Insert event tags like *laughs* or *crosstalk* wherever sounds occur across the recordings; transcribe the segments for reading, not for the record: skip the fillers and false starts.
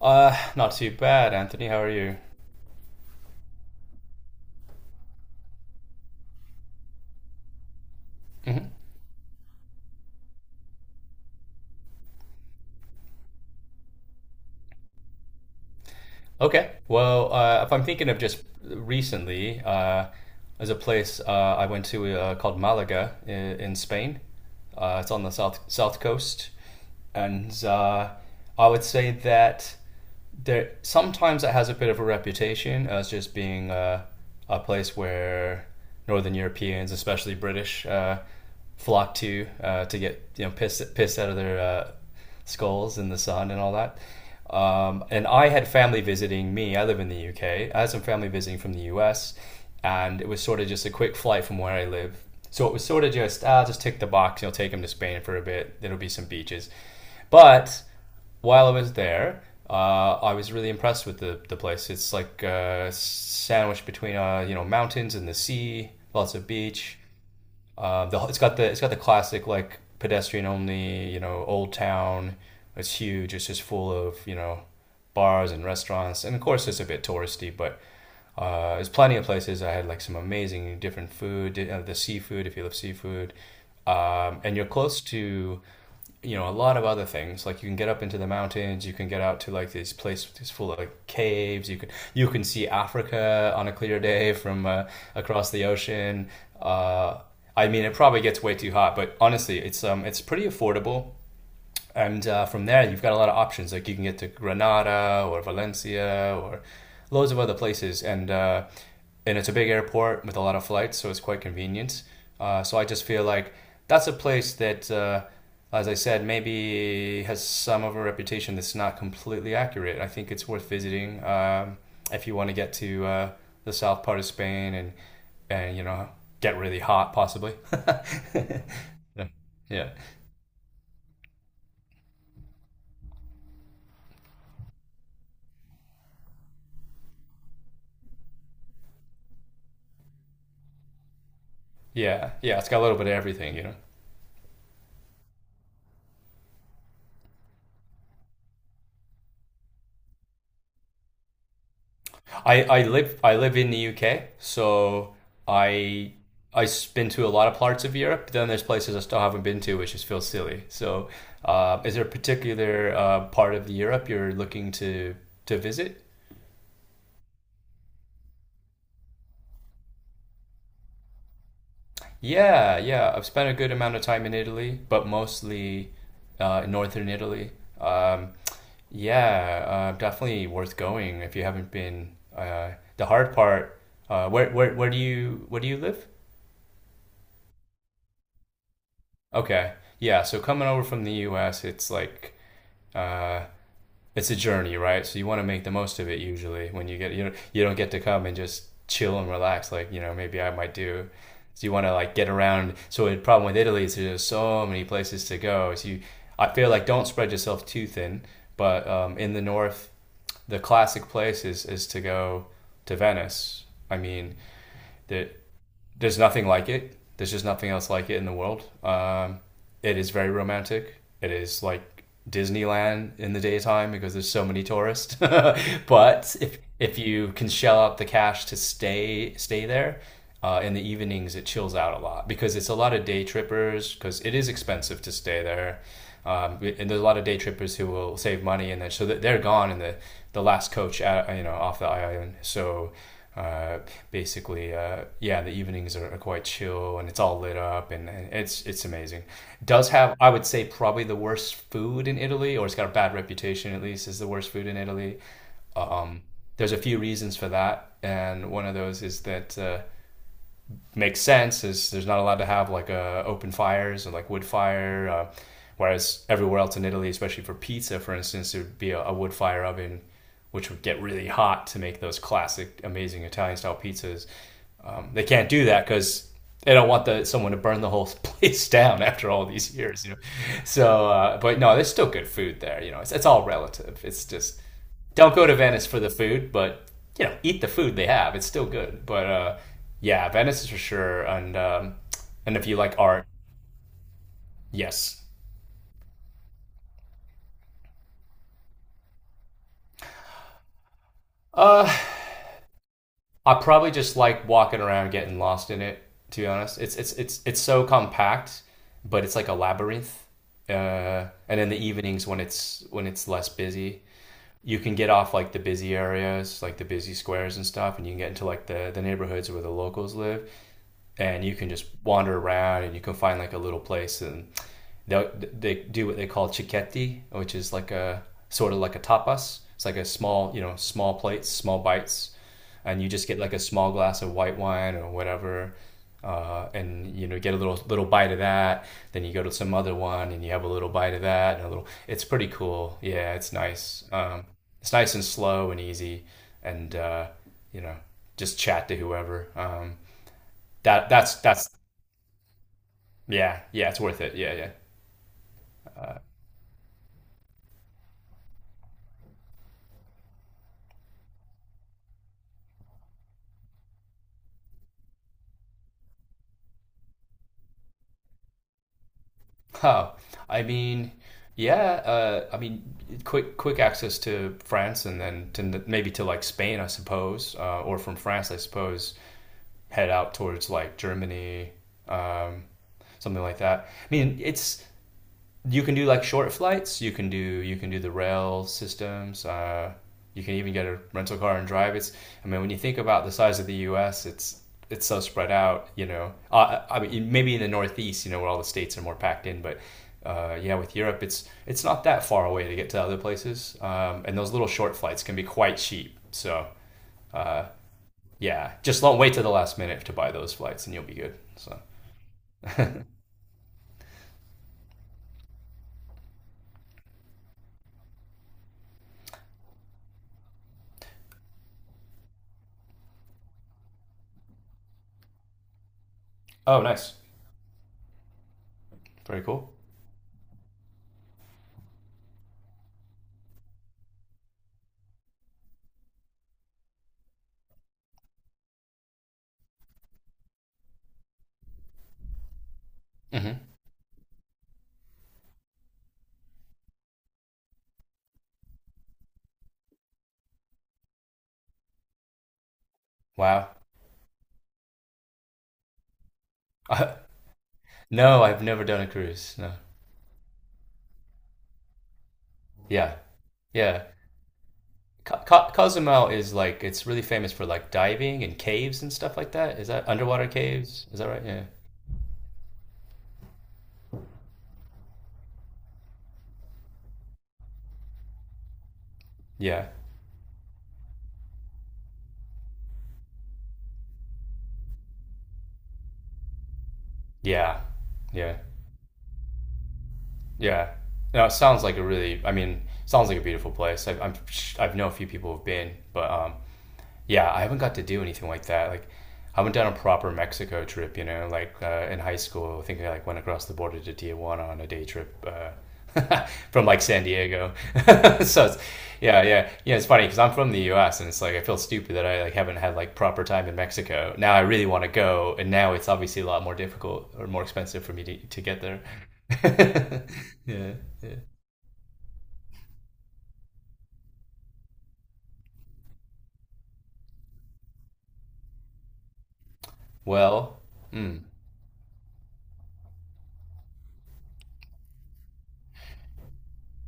Not too bad, Anthony. How are you? hmm Okay. Well, if I'm thinking of just recently, there's a place I went to called Malaga in Spain. It's on the south coast, and I would say that there sometimes it has a bit of a reputation as just being a place where Northern Europeans, especially British, flock to get pissed out of their skulls in the sun and all that. And I had family visiting me. I live in the UK. I had some family visiting from the US, and it was sort of just a quick flight from where I live. So it was sort of just, just tick the box, you know, take them to Spain for a bit. There'll be some beaches. But while I was there, I was really impressed with the place. It's like sandwiched between you know mountains and the sea, lots of beach. It's got the classic like pedestrian only you know old town. It's huge. It's just full of you know bars and restaurants, and of course it's a bit touristy, but there's plenty of places. I had like some amazing different food, the seafood if you love seafood, and you're close to you know a lot of other things like you can get up into the mountains, you can get out to like these places full of caves, you can see Africa on a clear day from across the ocean. uh, I mean, it probably gets way too hot, but honestly it's it's pretty affordable, and from there you've got a lot of options. Like you can get to Granada or Valencia or loads of other places. And it's a big airport with a lot of flights, so it's quite convenient. So I just feel like that's a place that, as I said, maybe has some of a reputation that's not completely accurate. I think it's worth visiting if you want to get to the south part of Spain, and you know get really hot possibly. *laughs* Yeah, yeah, yeah. Yeah, it's got a little bit of everything, you know. I live in the UK, so I I've been to a lot of parts of Europe. Then there's places I still haven't been to, which just feels silly. So, is there a particular part of Europe you're looking to visit? Yeah, yeah. I've spent a good amount of time in Italy, but mostly in northern Italy. Um, yeah, definitely worth going if you haven't been. The hard part. Where do you live? Okay. Yeah, so coming over from the US, it's like uh it's a journey, right? So you want to make the most of it usually when you get, you know, you don't get to come and just chill and relax like, you know, maybe I might do. So you want to like get around. So the problem with Italy is there's so many places to go. So you, I feel like, don't spread yourself too thin, but in the north, the classic place is to go to Venice. I mean, the there's nothing like it. There's just nothing else like it in the world. It is very romantic. It is like Disneyland in the daytime because there's so many tourists. *laughs* But if you can shell out the cash to stay there, in the evenings it chills out a lot because it's a lot of day trippers because it is expensive to stay there. And there's a lot of day trippers who will save money and then so they're gone in the last coach at, you know, off the island. So uh, basically, yeah, the evenings are quite chill and it's all lit up, and it's amazing. It does have, I would say, probably the worst food in Italy, or it's got a bad reputation at least as the worst food in Italy. There's a few reasons for that, and one of those is that. Makes sense is there's not allowed to have like open fires or like wood fire whereas everywhere else in Italy, especially for pizza, for instance, there would be a wood fire oven which would get really hot to make those classic amazing Italian style pizzas. They can't do that because they don't want the someone to burn the whole *laughs* place down after all these years, you know. So, but no, there's still good food there. You know, it's all relative. It's just, don't go to Venice for the food, but you know, eat the food they have. It's still good. But yeah, Venice is for sure. And if you like art, yes, I probably just like walking around getting lost in it. To be honest, it's so compact, but it's like a labyrinth. And in the evenings when it's less busy, you can get off like the busy areas, like the busy squares and stuff, and you can get into like the neighborhoods where the locals live, and you can just wander around and you can find like a little place, and they they do what they call chiquetti, which is like a sort of like a tapas. It's like a small, you know, small plates, small bites, and you just get like a small glass of white wine or whatever, and you know, get a little bite of that. Then you go to some other one and you have a little bite of that and a little. It's pretty cool. Yeah, it's nice. It's nice and slow and easy, and you know, just chat to whoever. That's yeah, yeah, it's worth it. Yeah, yeah. Oh, I mean, yeah. I mean, quick access to France and then to maybe to like Spain, I suppose, or from France, I suppose, head out towards like Germany, um, something like that. I mean, it's, you can do like short flights. You can do the rail systems. You can even get a rental car and drive. It's, I mean, when you think about the size of the U.S., it's so spread out. You know, I mean, maybe in the Northeast, you know, where all the states are more packed in, but yeah, with Europe, it's not that far away to get to other places. And those little short flights can be quite cheap. So yeah, just don't wait to the last minute to buy those flights, and you'll be good. So oh, nice, very cool. Mm-hmm. Wow. *laughs* I, No, I've never done a cruise. No. Yeah. Yeah. Ca Ca Cozumel is like, it's really famous for like diving and caves and stuff like that. Is that underwater caves? Is that right? Yeah. Yeah. Yeah. Yeah. Yeah. No, it sounds like a really, I mean, sounds like a beautiful place. I'm, I've know a few people who've been, but yeah, I haven't got to do anything like that. Like, I haven't done a proper Mexico trip, you know, like in high school. I think I like went across the border to Tijuana on a day trip *laughs* from like San Diego. *laughs* So, it's, yeah, yeah, yeah. It's funny because I'm from the U.S., and it's like I feel stupid that I like haven't had like proper time in Mexico. Now I really want to go, and now it's obviously a lot more difficult or more expensive for me to get there. *laughs* Yeah, yeah. Well,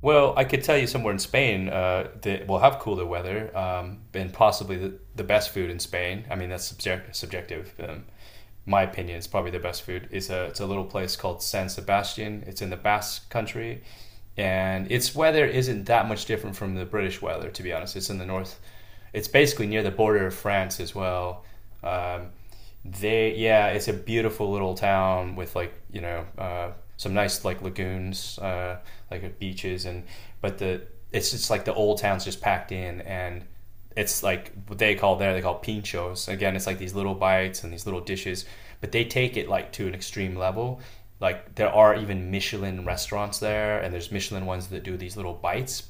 Well, I could tell you somewhere in Spain that will have cooler weather and possibly the best food in Spain. I mean, that's subjective. My opinion is probably the best food. It's a little place called San Sebastian. It's in the Basque country. And its weather isn't that much different from the British weather, to be honest. It's in the north. It's basically near the border of France as well. Um, they, yeah, it's a beautiful little town with like you know some nice like lagoons, like beaches, and but the it's just like the old town's just packed in. And it's like what they call there, they call pinchos. Again, it's like these little bites and these little dishes, but they take it like to an extreme level. Like there are even Michelin restaurants there, and there's Michelin ones that do these little bites,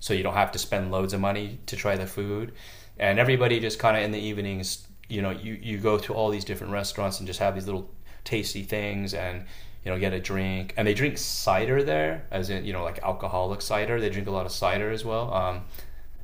so you don't have to spend loads of money to try the food. And everybody just kind of in the evenings, you know, you go to all these different restaurants and just have these little tasty things, and you know, get a drink. And they drink cider there, as in, you know, like alcoholic cider. They drink a lot of cider as well.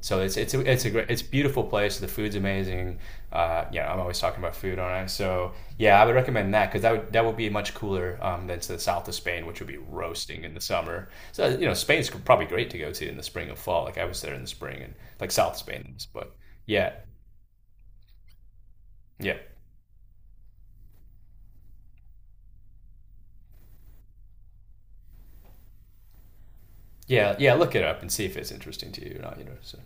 So it's a great, it's a beautiful place. The food's amazing. Yeah, I'm always talking about food, aren't I? So yeah, I would recommend that because that would be much cooler than to the south of Spain, which would be roasting in the summer. So you know, Spain's probably great to go to in the spring or fall. Like I was there in the spring and like South Spain, but yeah, yeah, yeah, yeah. Look it up and see if it's interesting to you or not. You know, so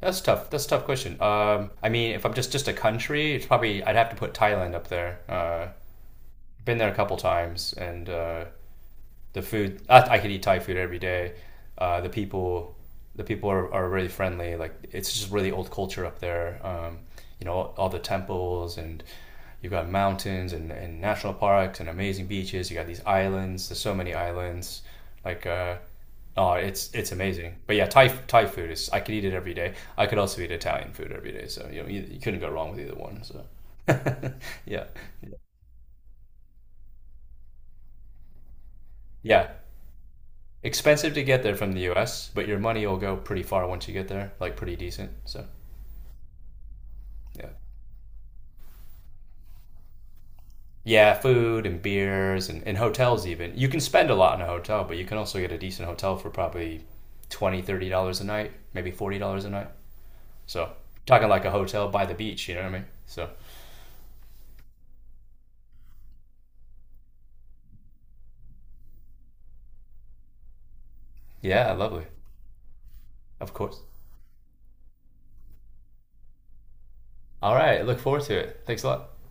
that's tough. That's a tough question. I mean, if I'm just a country, it's probably, I'd have to put Thailand up there. Been there a couple times. And. The food, I could eat Thai food every day. Uh, the people the people are really friendly. Like it's just really old culture up there. You know all the temples, and you've got mountains and national parks and amazing beaches. You got these islands. There's so many islands. Like oh, it's amazing. But yeah, Thai food is, I could eat it every day. I could also eat Italian food every day. So you know you couldn't go wrong with either one. So *laughs* yeah, yeah. Expensive to get there from the US, but your money will go pretty far once you get there, like pretty decent. So, yeah. Yeah, food and beers and hotels, even. You can spend a lot in a hotel, but you can also get a decent hotel for probably 20, $30 a night, maybe $40 a night. So, talking like a hotel by the beach, you know what I mean? So, yeah, lovely. Of course. All right, look forward to it. Thanks a lot.